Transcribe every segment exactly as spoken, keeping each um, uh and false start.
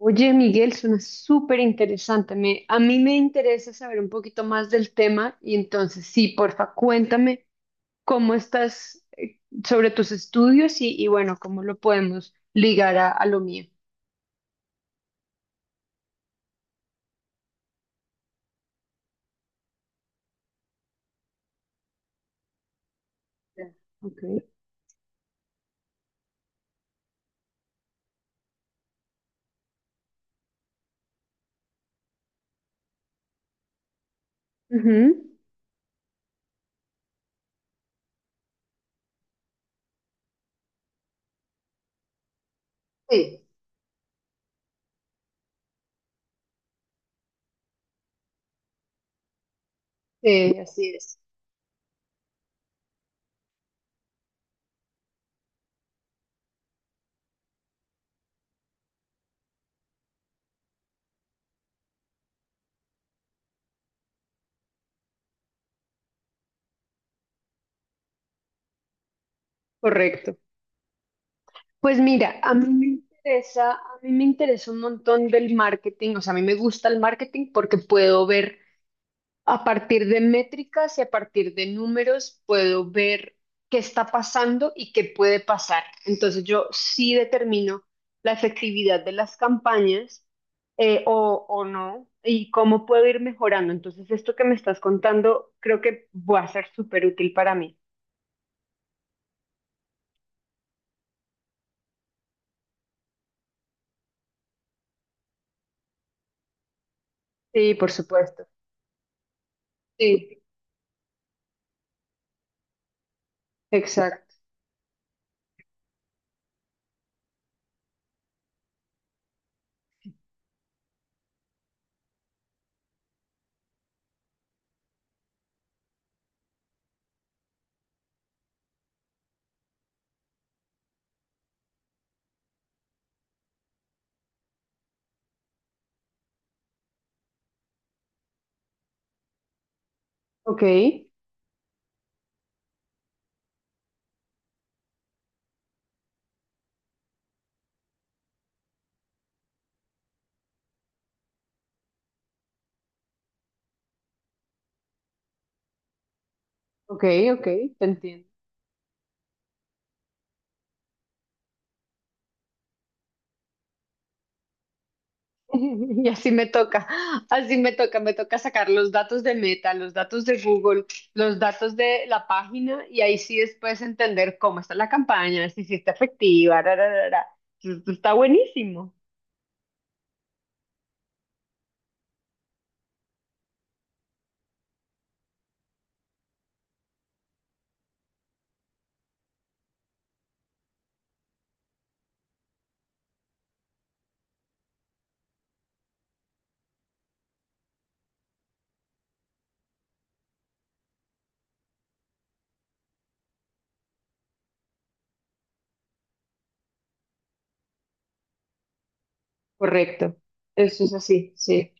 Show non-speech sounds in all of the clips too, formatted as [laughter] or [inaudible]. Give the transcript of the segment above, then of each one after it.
Oye, Miguel, suena súper interesante. Me, a mí me interesa saber un poquito más del tema y entonces sí, porfa, cuéntame cómo estás eh, sobre tus estudios y, y bueno, cómo lo podemos ligar a, a lo mío. Ya. Ok. Ujú. Sí, sí, así es. Correcto. Pues mira, a mí me interesa, a mí me interesa un montón del marketing, o sea, a mí me gusta el marketing porque puedo ver a partir de métricas y a partir de números, puedo ver qué está pasando y qué puede pasar. Entonces yo sí determino la efectividad de las campañas, eh, o, o no, y cómo puedo ir mejorando. Entonces, esto que me estás contando creo que va a ser súper útil para mí. Sí, por supuesto. Sí, exacto. Ok, ok, ok, te entiendo. [laughs] Y así me toca, así me toca, me toca sacar los datos de Meta, los datos de Google, los datos de la página, y ahí sí después entender cómo está la campaña, si sí está efectiva, ra, ra, ra, ra. Esto está buenísimo. Correcto. Eso es así, sí.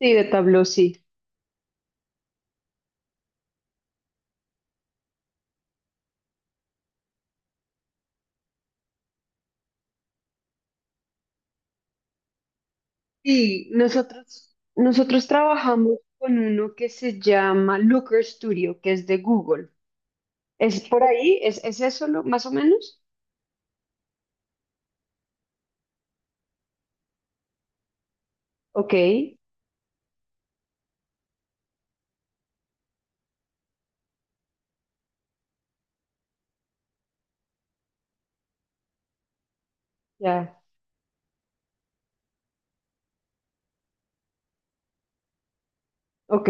Sí, de Tableau, sí. sí nosotros, nosotros trabajamos con uno que se llama Looker Studio, que es de Google. ¿Es por ahí? ¿Es, es eso lo- más o menos? Ok, ya, ok.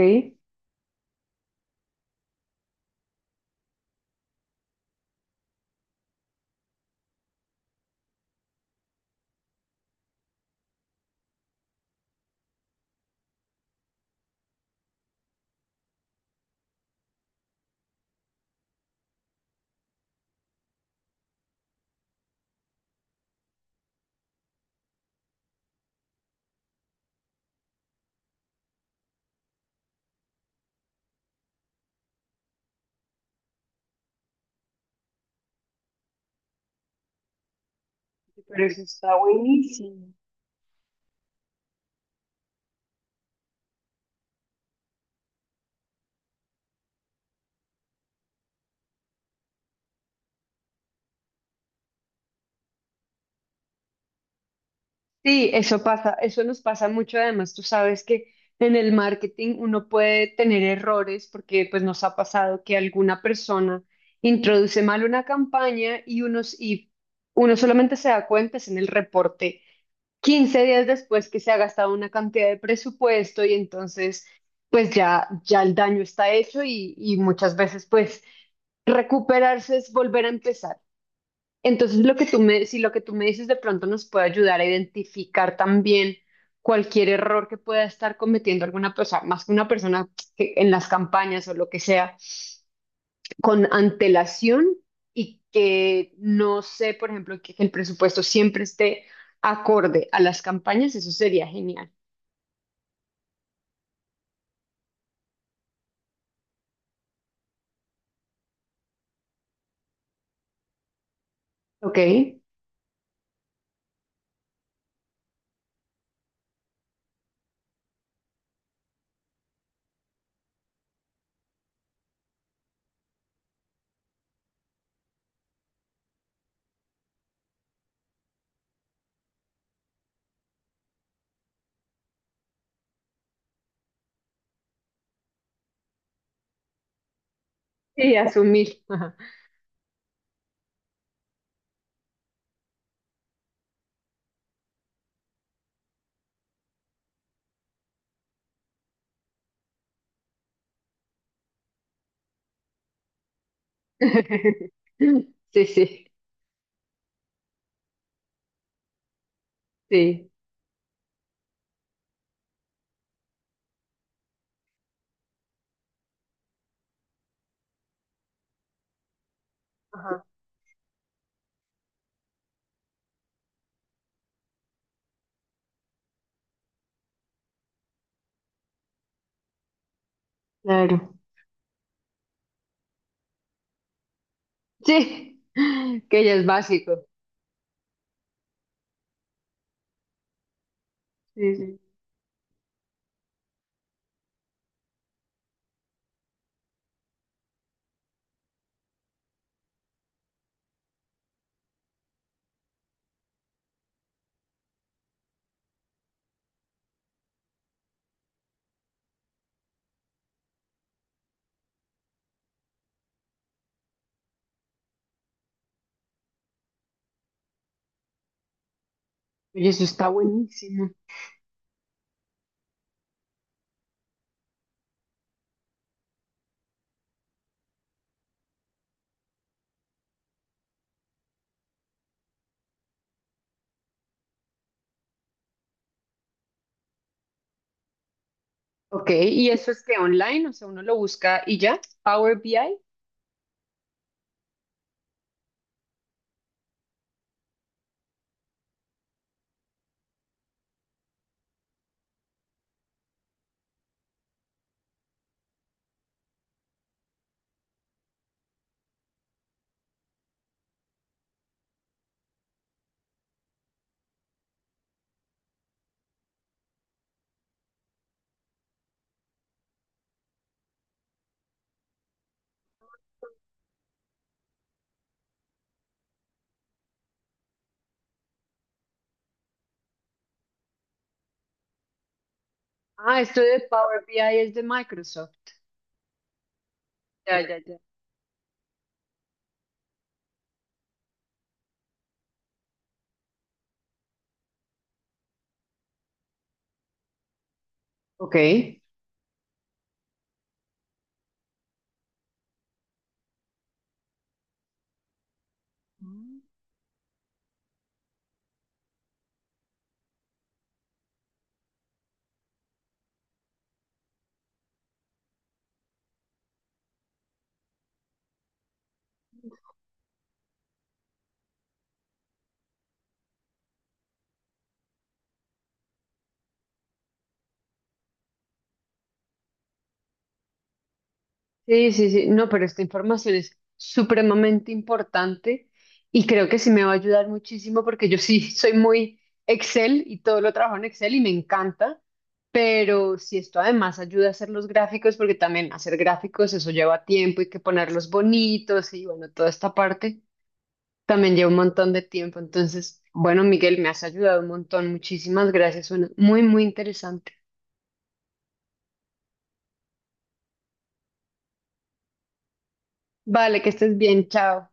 Pero eso está buenísimo. Sí, eso pasa, eso nos pasa mucho. Además, tú sabes que en el marketing uno puede tener errores porque pues nos ha pasado que alguna persona introduce mal una campaña y unos y uno solamente se da cuenta es en el reporte quince días después, que se ha gastado una cantidad de presupuesto, y entonces pues ya ya el daño está hecho y, y muchas veces pues recuperarse es volver a empezar. Entonces, lo que tú me, si lo que tú me dices, de pronto nos puede ayudar a identificar también cualquier error que pueda estar cometiendo alguna persona, más que una persona, que en las campañas o lo que sea, con antelación. Y que no sé, por ejemplo, que, que el presupuesto siempre esté acorde a las campañas, eso sería genial. ¿Ok? Sí, asumir. Ajá. [laughs] Sí, sí, sí. Ajá. Claro. Sí, que ya es básico. Sí, sí. Oye, eso está buenísimo. Ok, ¿y eso es que online? O sea, uno lo busca y ya. Power B I. Ah, esto de Power B I es de Microsoft. Ya, ya, ya. Ok. Mm. Sí, sí, sí. No, pero esta información es supremamente importante y creo que sí me va a ayudar muchísimo, porque yo sí soy muy Excel y todo lo trabajo en Excel y me encanta, pero si esto además ayuda a hacer los gráficos, porque también hacer gráficos eso lleva tiempo, hay que ponerlos bonitos y bueno, toda esta parte. También lleva un montón de tiempo. Entonces, bueno, Miguel, me has ayudado un montón. Muchísimas gracias. Suena muy, muy interesante. Vale, que estés bien. Chao.